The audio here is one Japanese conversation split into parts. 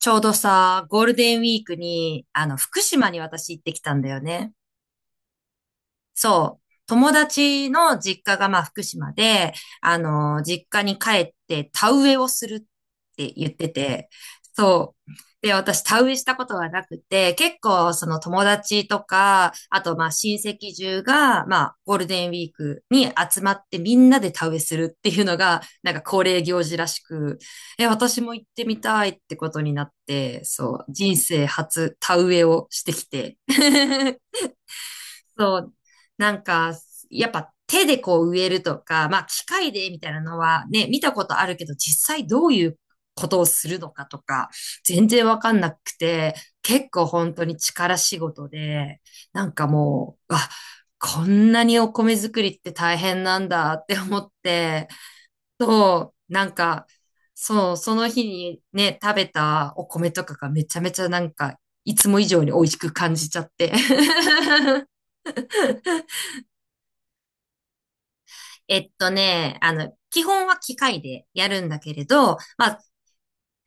ちょうどさ、ゴールデンウィークに、福島に私行ってきたんだよね。そう。友達の実家がまあ福島で、実家に帰って田植えをするって言ってて、そう。で、私田植えしたことがなくて、結構その友達とか、あとまあ親戚中が、まあゴールデンウィークに集まってみんなで田植えするっていうのが、なんか恒例行事らしく、え、私も行ってみたいってことになって、そう、人生初田植えをしてきて。そう、なんか、やっぱ手でこう植えるとか、まあ機械でみたいなのはね、見たことあるけど、実際どういうことをするのかとか、全然わかんなくて、結構本当に力仕事で、なんかもう、あ、こんなにお米作りって大変なんだって思って、そう、なんか、そう、その日にね、食べたお米とかがめちゃめちゃなんか、いつも以上に美味しく感じちゃって。基本は機械でやるんだけれど、まあ、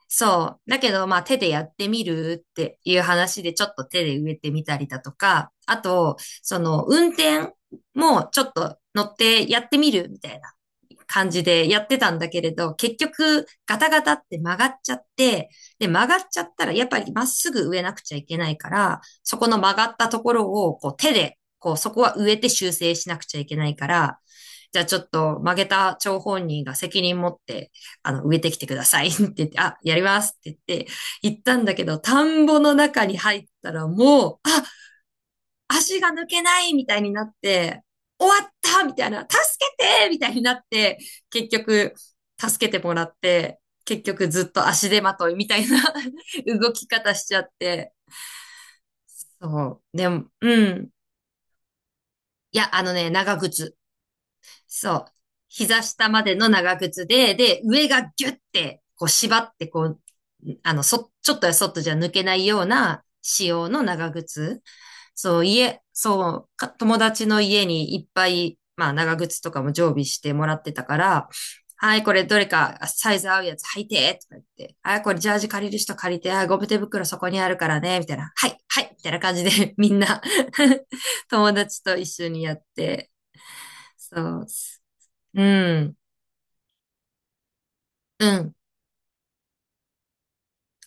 そう。だけど、まあ、手でやってみるっていう話で、ちょっと手で植えてみたりだとか、あと、その、運転もちょっと乗ってやってみるみたいな感じでやってたんだけれど、結局ガタガタって曲がっちゃって、で、曲がっちゃったらやっぱりまっすぐ植えなくちゃいけないから、そこの曲がったところをこう手で、こうそこは植えて修正しなくちゃいけないから、じゃあちょっと曲げた張本人が責任持って、植えてきてください って言って、あ、やりますって言って、行ったんだけど、田んぼの中に入ったらもう、あ、足が抜けないみたいになって、終わったみたいな、助けてみたいになって、結局、助けてもらって、結局ずっと足手まといみたいな 動き方しちゃって。そう。でも、うん。いや、あのね、長靴。そう。膝下までの長靴で、で、上がギュッて、こう縛って、こう、あの、ちょっとやそっとじゃ抜けないような仕様の長靴。そう、家、そう、か友達の家にいっぱい、まあ、長靴とかも常備してもらってたから、はい、これどれかサイズ合うやつ履いて、とか言って、はい、これジャージ借りる人借りて、はい、ゴム手袋そこにあるからね、みたいな、はい、はい、みたいな感じで、みんな 友達と一緒にやって、そううん、うん、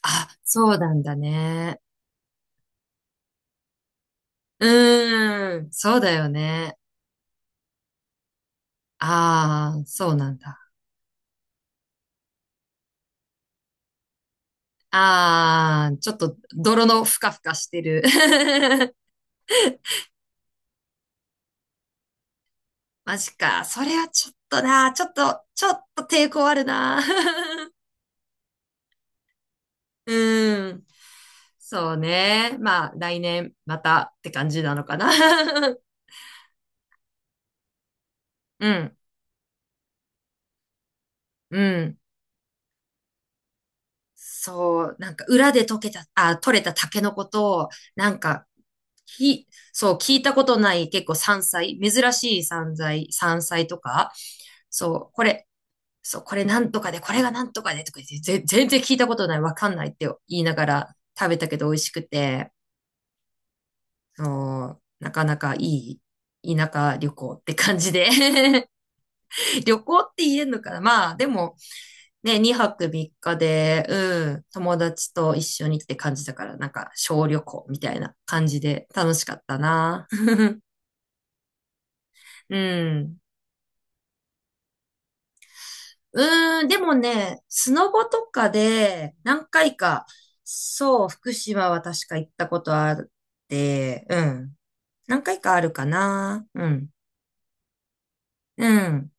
あ、そうなんだね。うーん、そうだよね。ああ、そうなんだ。ああ、ちょっと泥のふかふかしてる。マジか。それはちょっとな、ちょっと、ちょっと抵抗あるな。うん。そうね。まあ、来年またって感じなのかな。うん、うん。そう、なんか裏で溶けた、あ、取れたタケノコと、なんか、そう、聞いたことない結構山菜、珍しい山菜、山菜とか、そう、これ、そう、これなんとかで、これがなんとかでとか言って、全然聞いたことない、わかんないって言いながら食べたけど美味しくて、そうなかなかいい田舎旅行って感じで 旅行って言えるのかなまあ、でもね、2泊3日で、うん、友達と一緒にって感じだから、なんか小旅行みたいな感じで楽しかったな。うん。うーん、でもね、スノボとかで何回か、そう、福島は確か行ったことあって、うん。何回かあるかな。うん。うん。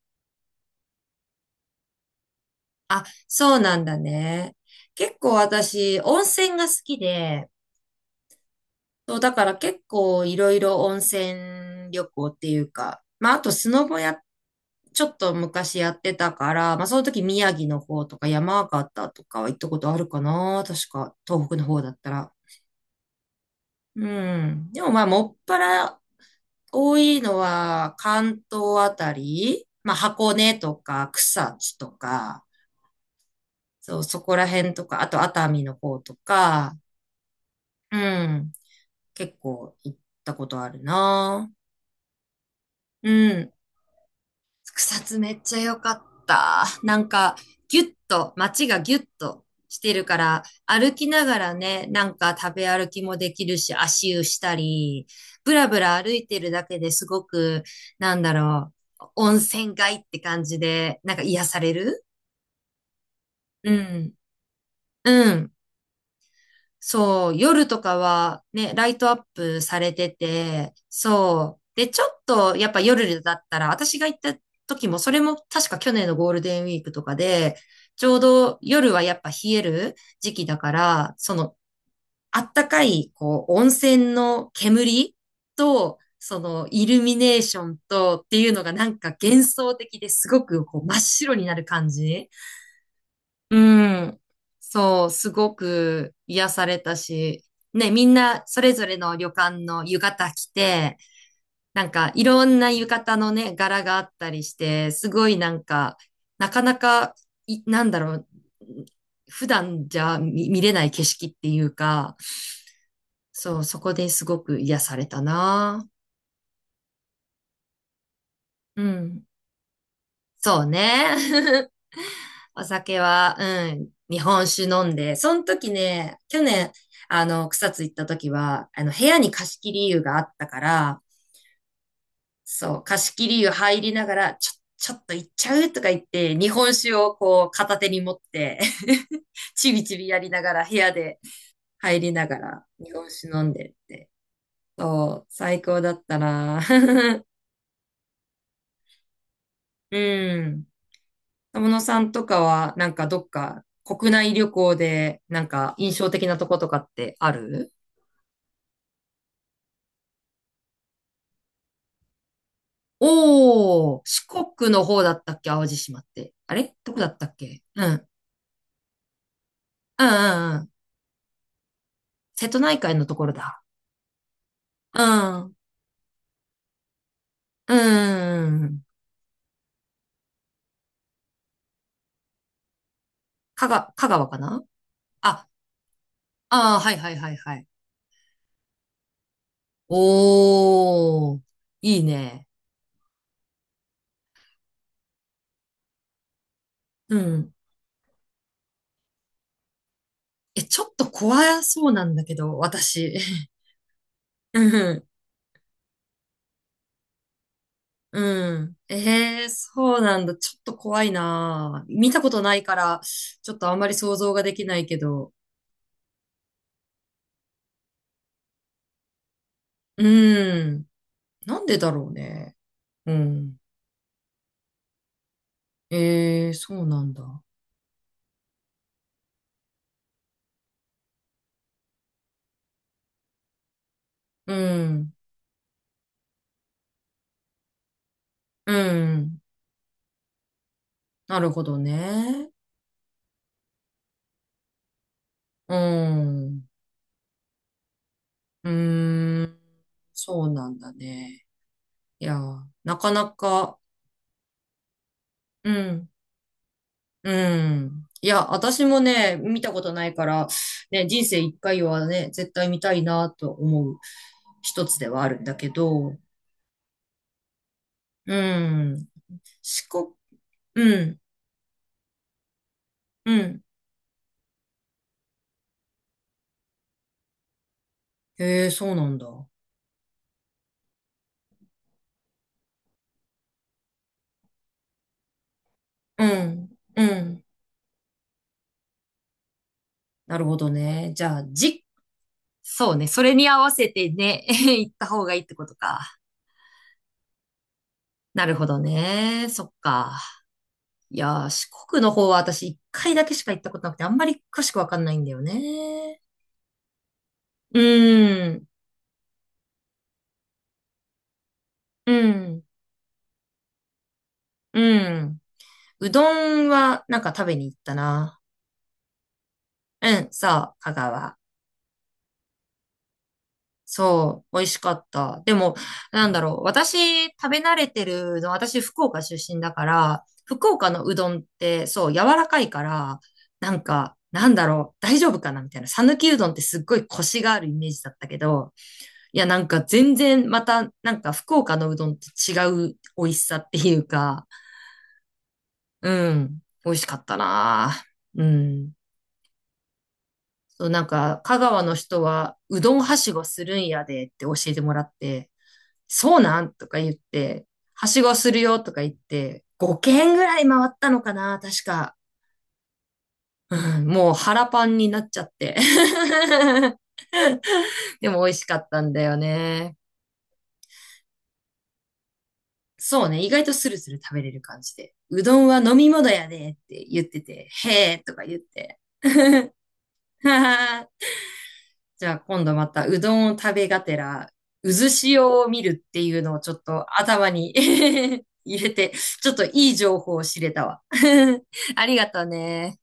あ、そうなんだね。結構私、温泉が好きで、そう、だから結構いろいろ温泉旅行っていうか、まあ、あとスノボや、ちょっと昔やってたから、まあ、その時宮城の方とか山形とかは行ったことあるかな。確か、東北の方だったら。うん。でもまあ、もっぱら多いのは関東あたり、まあ、箱根とか草津とか、そう、そこら辺とか、あと熱海の方とか、うん。結構行ったことあるな。うん。草津めっちゃ良かった。なんか、ギュッと、街がギュッとしてるから、歩きながらね、なんか食べ歩きもできるし、足湯したり、ぶらぶら歩いてるだけですごく、なんだろう、温泉街って感じで、なんか癒されるうん。うん。そう、夜とかはね、ライトアップされてて、そう。で、ちょっとやっぱ夜だったら、私が行った時も、それも確か去年のゴールデンウィークとかで、ちょうど夜はやっぱ冷える時期だから、その、あったかい、こう、温泉の煙と、その、イルミネーションとっていうのがなんか幻想的ですごくこう真っ白になる感じ。うん。そう、すごく癒されたし、ね、みんなそれぞれの旅館の浴衣着て、なんかいろんな浴衣のね、柄があったりして、すごいなんか、なかなか、なんだろう、普段じゃ見れない景色っていうか、そう、そこですごく癒されたな。うん。そうね。お酒は、うん、日本酒飲んで、その時ね、去年、草津行った時は、部屋に貸し切り湯があったから、そう、貸し切り湯入りながら、ちょっと行っちゃうとか言って、日本酒をこう、片手に持って ちびちびやりながら、部屋で入りながら、日本酒飲んでって。そう、最高だったな。うん。友野さんとかは、なんかどっか国内旅行で、なんか印象的なとことかってあるおー、四国の方だったっけ淡路島って。あれどこだったっけうん。うんうんうん。瀬戸内海のところだ。うん。うんうんうん。香川、香川かなあ、ああ、はいはいはいはい。おー、いいね。うん。え、ちょっと怖そうなんだけど、私。うん。ええそうなんだ。ちょっと怖いな。見たことないから、ちょっとあんまり想像ができないけど。うん。なんでだろうね。うん。ええそうなんだ。うん。うん。なるほどね。うん。うーん。そうなんだね。いや、なかなか、うん。うん。いや、私もね、見たことないから、ね、人生一回はね、絶対見たいなと思う一つではあるんだけど、うん。四国、うん、うん。へえ、そうなんだ。うん、うん。なるほどね。じゃあ、じ、そうね、それに合わせてね、行った方がいいってことか。なるほどね。そっか。いやー、四国の方は私一回だけしか行ったことなくて、あんまり詳しくわかんないんだよね。うん、うん。うん。うどんはなんか食べに行ったな。うん、そう、香川。そう、美味しかった。でも、なんだろう。私、食べ慣れてるうどん、私、福岡出身だから、福岡のうどんって、そう、柔らかいから、なんか、なんだろう、大丈夫かなみたいな。讃岐うどんってすっごいコシがあるイメージだったけど、いや、なんか全然、また、なんか福岡のうどんと違う美味しさっていうか、うん、美味しかったな。うん。そう、なんか、香川の人は、うどんはしごするんやでって教えてもらって、そうなんとか言って、はしごするよとか言って、5軒ぐらい回ったのかな、確か。うん、もう腹パンになっちゃって。でも美味しかったんだよね。そうね、意外とスルスル食べれる感じで。うどんは飲み物やでって言ってて、へえとか言って。じゃあ今度またうどんを食べがてら、渦潮を見るっていうのをちょっと頭に 入れて、ちょっといい情報を知れたわ。ありがとうね。